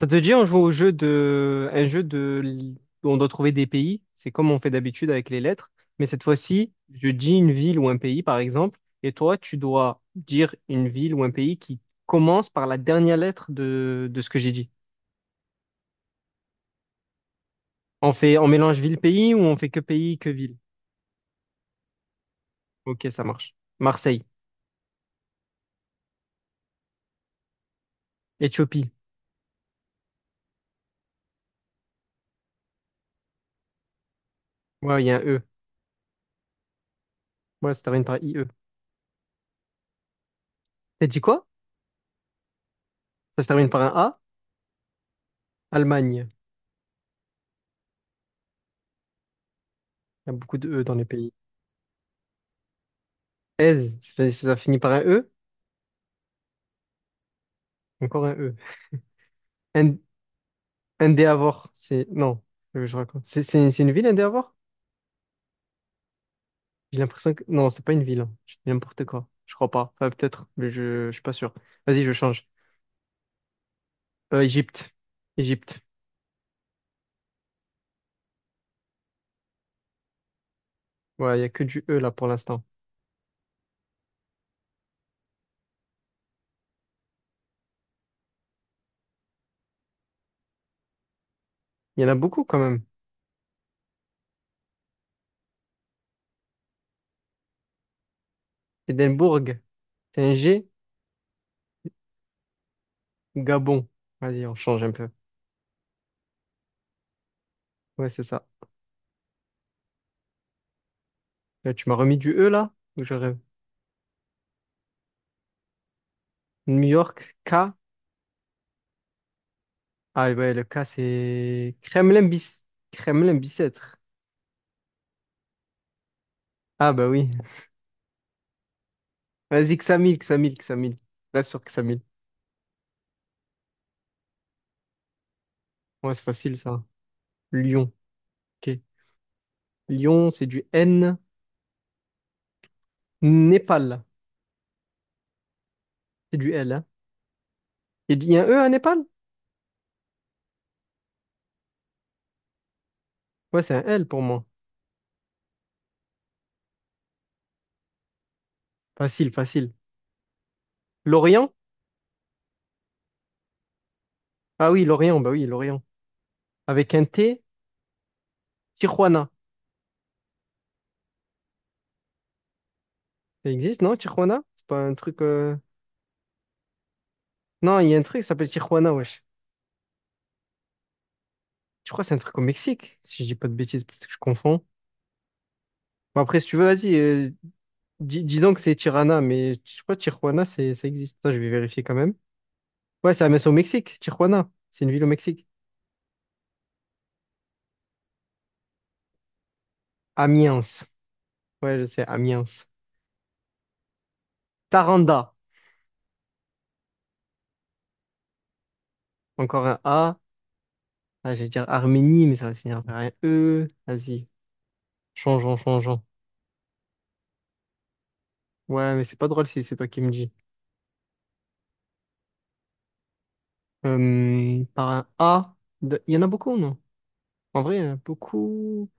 Ça te dit, on joue au jeu de... un jeu de... où on doit trouver des pays. C'est comme on fait d'habitude avec les lettres. Mais cette fois-ci, je dis une ville ou un pays, par exemple, et toi, tu dois dire une ville ou un pays qui commence par la dernière lettre de ce que j'ai dit. On fait... on mélange ville-pays ou on fait que pays, que ville? Ok, ça marche. Marseille. Éthiopie. Ouais, il y a un E. Ouais, ça se termine par I E. T'as dit quoi? Ça se termine par un A. Allemagne. Il y a beaucoup de E dans les pays. Aise, ça finit par un E. Encore un E. Ind- Indéavor, c'est... Non, je raconte. C'est une ville, Indéavor? J'ai l'impression que... Non, c'est pas une ville, hein. Je dis n'importe quoi. Je crois pas. Enfin, peut-être, mais je suis pas sûr. Vas-y, je change. Égypte. Égypte. Ouais, il y a que du E là pour l'instant. Il y en a beaucoup quand même. Édimbourg. C'est un G. Gabon. Vas-y, on change un peu. Ouais, c'est ça. Là, tu m'as remis du E là? Ou je rêve? New York. K. Ah ouais, le K c'est... Kremlin-Bis... Kremlin-Bicêtre. Ah bah oui. Vas-y, Xamil, Xamil, Xamil. Reste sur Xamil. Ouais, c'est facile ça. Lyon. Ok. Lyon, c'est du N. Népal. C'est du L, hein. Il y a un E à Népal? Ouais, c'est un L pour moi. Facile, facile. Lorient? Ah oui, Lorient, bah oui, Lorient. Avec un T, Tijuana. Ça existe, non, Tijuana? C'est pas un truc, non, il y a un truc qui s'appelle Tijuana, wesh. Je crois que c'est un truc au Mexique, si je dis pas de bêtises, peut-être que je confonds. Bon, après, si tu veux, vas-y, disons que c'est Tirana, mais je crois que Tijuana, c'est, ça existe. Attends, je vais vérifier quand même. Ouais, ça c'est au Mexique, Tijuana. C'est une ville au Mexique. Amiens. Ouais, je sais, Amiens. Taranda. Encore un A. Ah, j'allais dire Arménie, mais ça va se finir par un E. Vas-y. Changeons, changeons. Ouais, mais c'est pas drôle si c'est toi qui me dis. Par un A. Il y en a beaucoup, non? En vrai, il y en a beaucoup.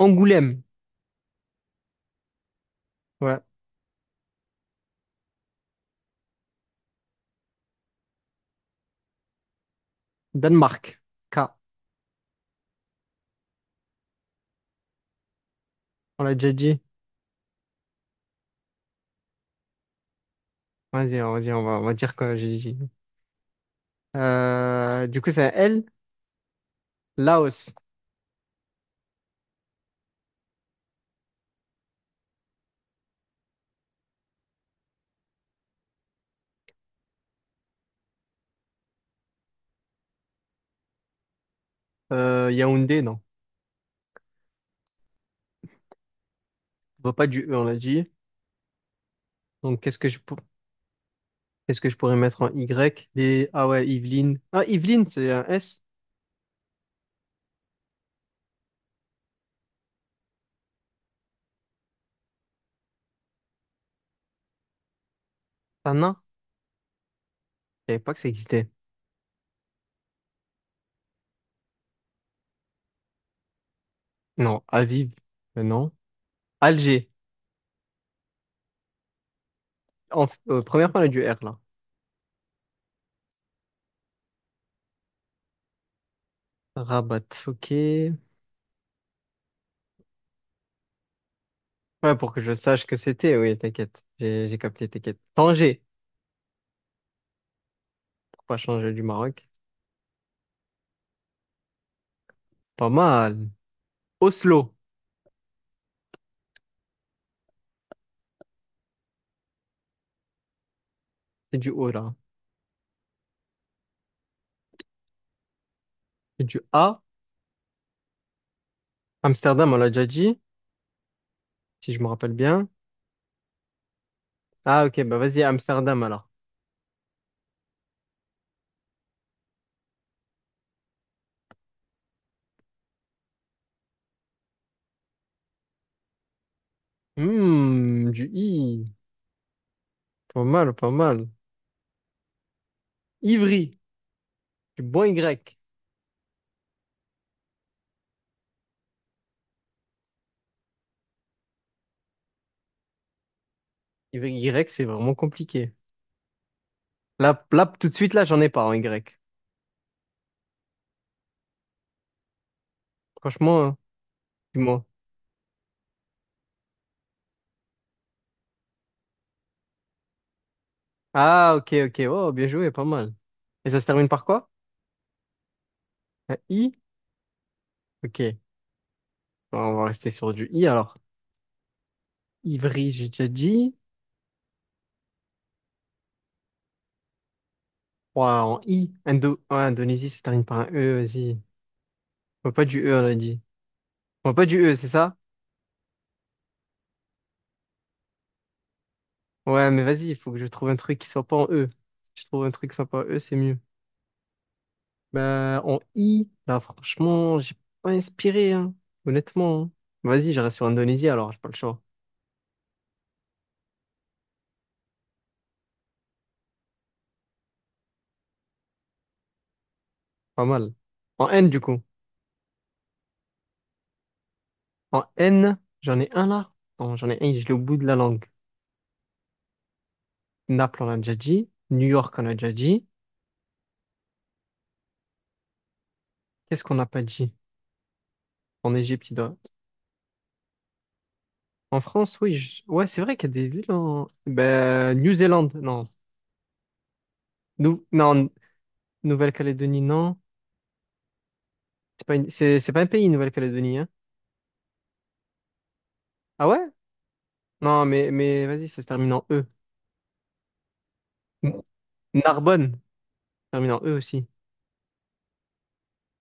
Angoulême. Ouais. Danemark. K. On l'a déjà dit. Vas-y, vas-y, on va dire quoi j'ai dit. Du coup, c'est un L. Laos. Yaoundé, non. On voit pas du E, on l'a dit. Donc, qu'est-ce que je peux. Qu'est-ce que je pourrais mettre en Y? Les... Ah ouais, Yveline. Ah, Yveline, c'est un S. Un nain. Je savais pas que ça existait. Non, Aviv, non. Alger. Première parole du R, là. Rabat, ok. Ouais, pour que je sache que c'était, oui, t'inquiète. J'ai capté, t'inquiète. Tanger, pour pas changer du Maroc. Pas mal. Oslo, c'est du O, là. C'est du A. Amsterdam, on l'a déjà dit, si je me rappelle bien. Ah, ok, bah vas-y, Amsterdam, alors. Hmm, du I. Pas mal, pas mal. Ivry. Je suis bon Y. Y, c'est vraiment compliqué. Là, là, tout de suite, là, j'en ai pas en Y. Franchement, hein, dis-moi. Ah, ok, ok. Oh, bien joué, pas mal. Et ça se termine par quoi? Un I? Ok. Bon, on va rester sur du I alors. Ivry, j'ai déjà dit. Ouah, en I. Indo... ouais, Indonésie, ça se termine par un E, vas-y. On va pas du E, on a dit. On va pas du E, c'est ça? Ouais, mais vas-y, il faut que je trouve un truc qui soit pas en E. Si je trouve un truc qui soit pas en E, c'est mieux. Bah, en I, là, franchement, j'ai pas inspiré, hein, honnêtement, hein. Vas-y, je reste sur Indonésie, alors, j'ai pas le choix. Pas mal. En N, du coup. En N, j'en ai un là. Non, j'en ai un, je l'ai au bout de la langue. Naples, on a déjà dit. New York, on a déjà dit. Qu'est-ce qu'on n'a pas dit? En Égypte, il doit- En France, oui. Ouais, c'est vrai qu'il y a des villes en... Ben, New Zealand, non. Non, Nouvelle-Calédonie, non. C'est pas une- c'est pas un pays, Nouvelle-Calédonie, hein. Ah ouais? Non, mais vas-y, ça se termine en E. N- Narbonne. Terminant E aussi.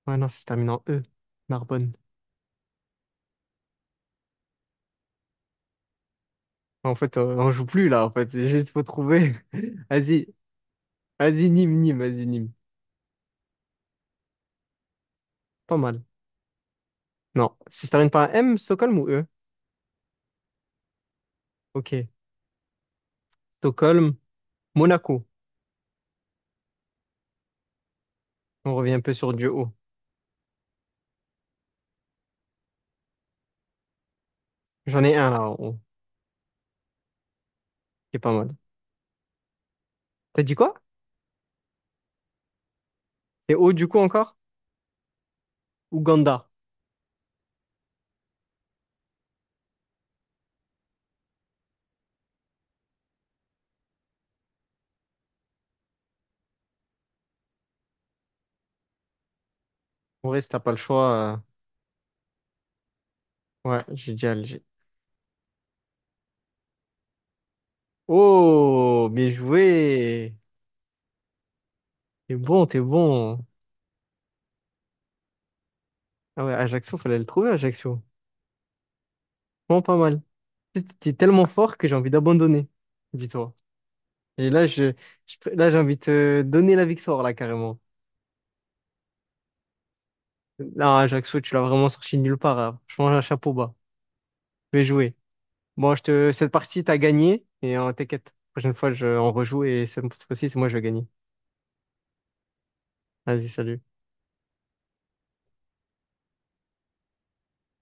Ouais, non, c'est terminant E. Narbonne. En fait, on joue plus là, en fait. C'est juste faut trouver. Vas-y, vas-y, Nîmes, Nîmes, vas-y, Nîmes. Pas mal. Non, si ça termine par un M, Stockholm ou E? Ok. Stockholm, Monaco. On revient un peu sur du haut. J'en ai un là en haut, qui est pas mal. T'as dit quoi? C'est haut du coup encore? Ouganda. En vrai, si t'as pas le choix, ouais, j'ai dit Alger. Oh, bien joué! T'es bon, t'es bon. Ah ouais, Ajaccio, fallait le trouver, Ajaccio. Bon, pas mal. T'es tellement fort que j'ai envie d'abandonner, dis-toi. Et là, là, j'ai envie de te donner la victoire, là, carrément. Non, Jackson, tu l'as vraiment sorti de nulle part, hein. Franchement, un chapeau bas. Je vais jouer. Bon, cette partie, t'as gagné. Et t'inquiète, la prochaine fois, on rejoue. Et cette fois-ci, c'est moi, je vais gagner. Vas-y, salut.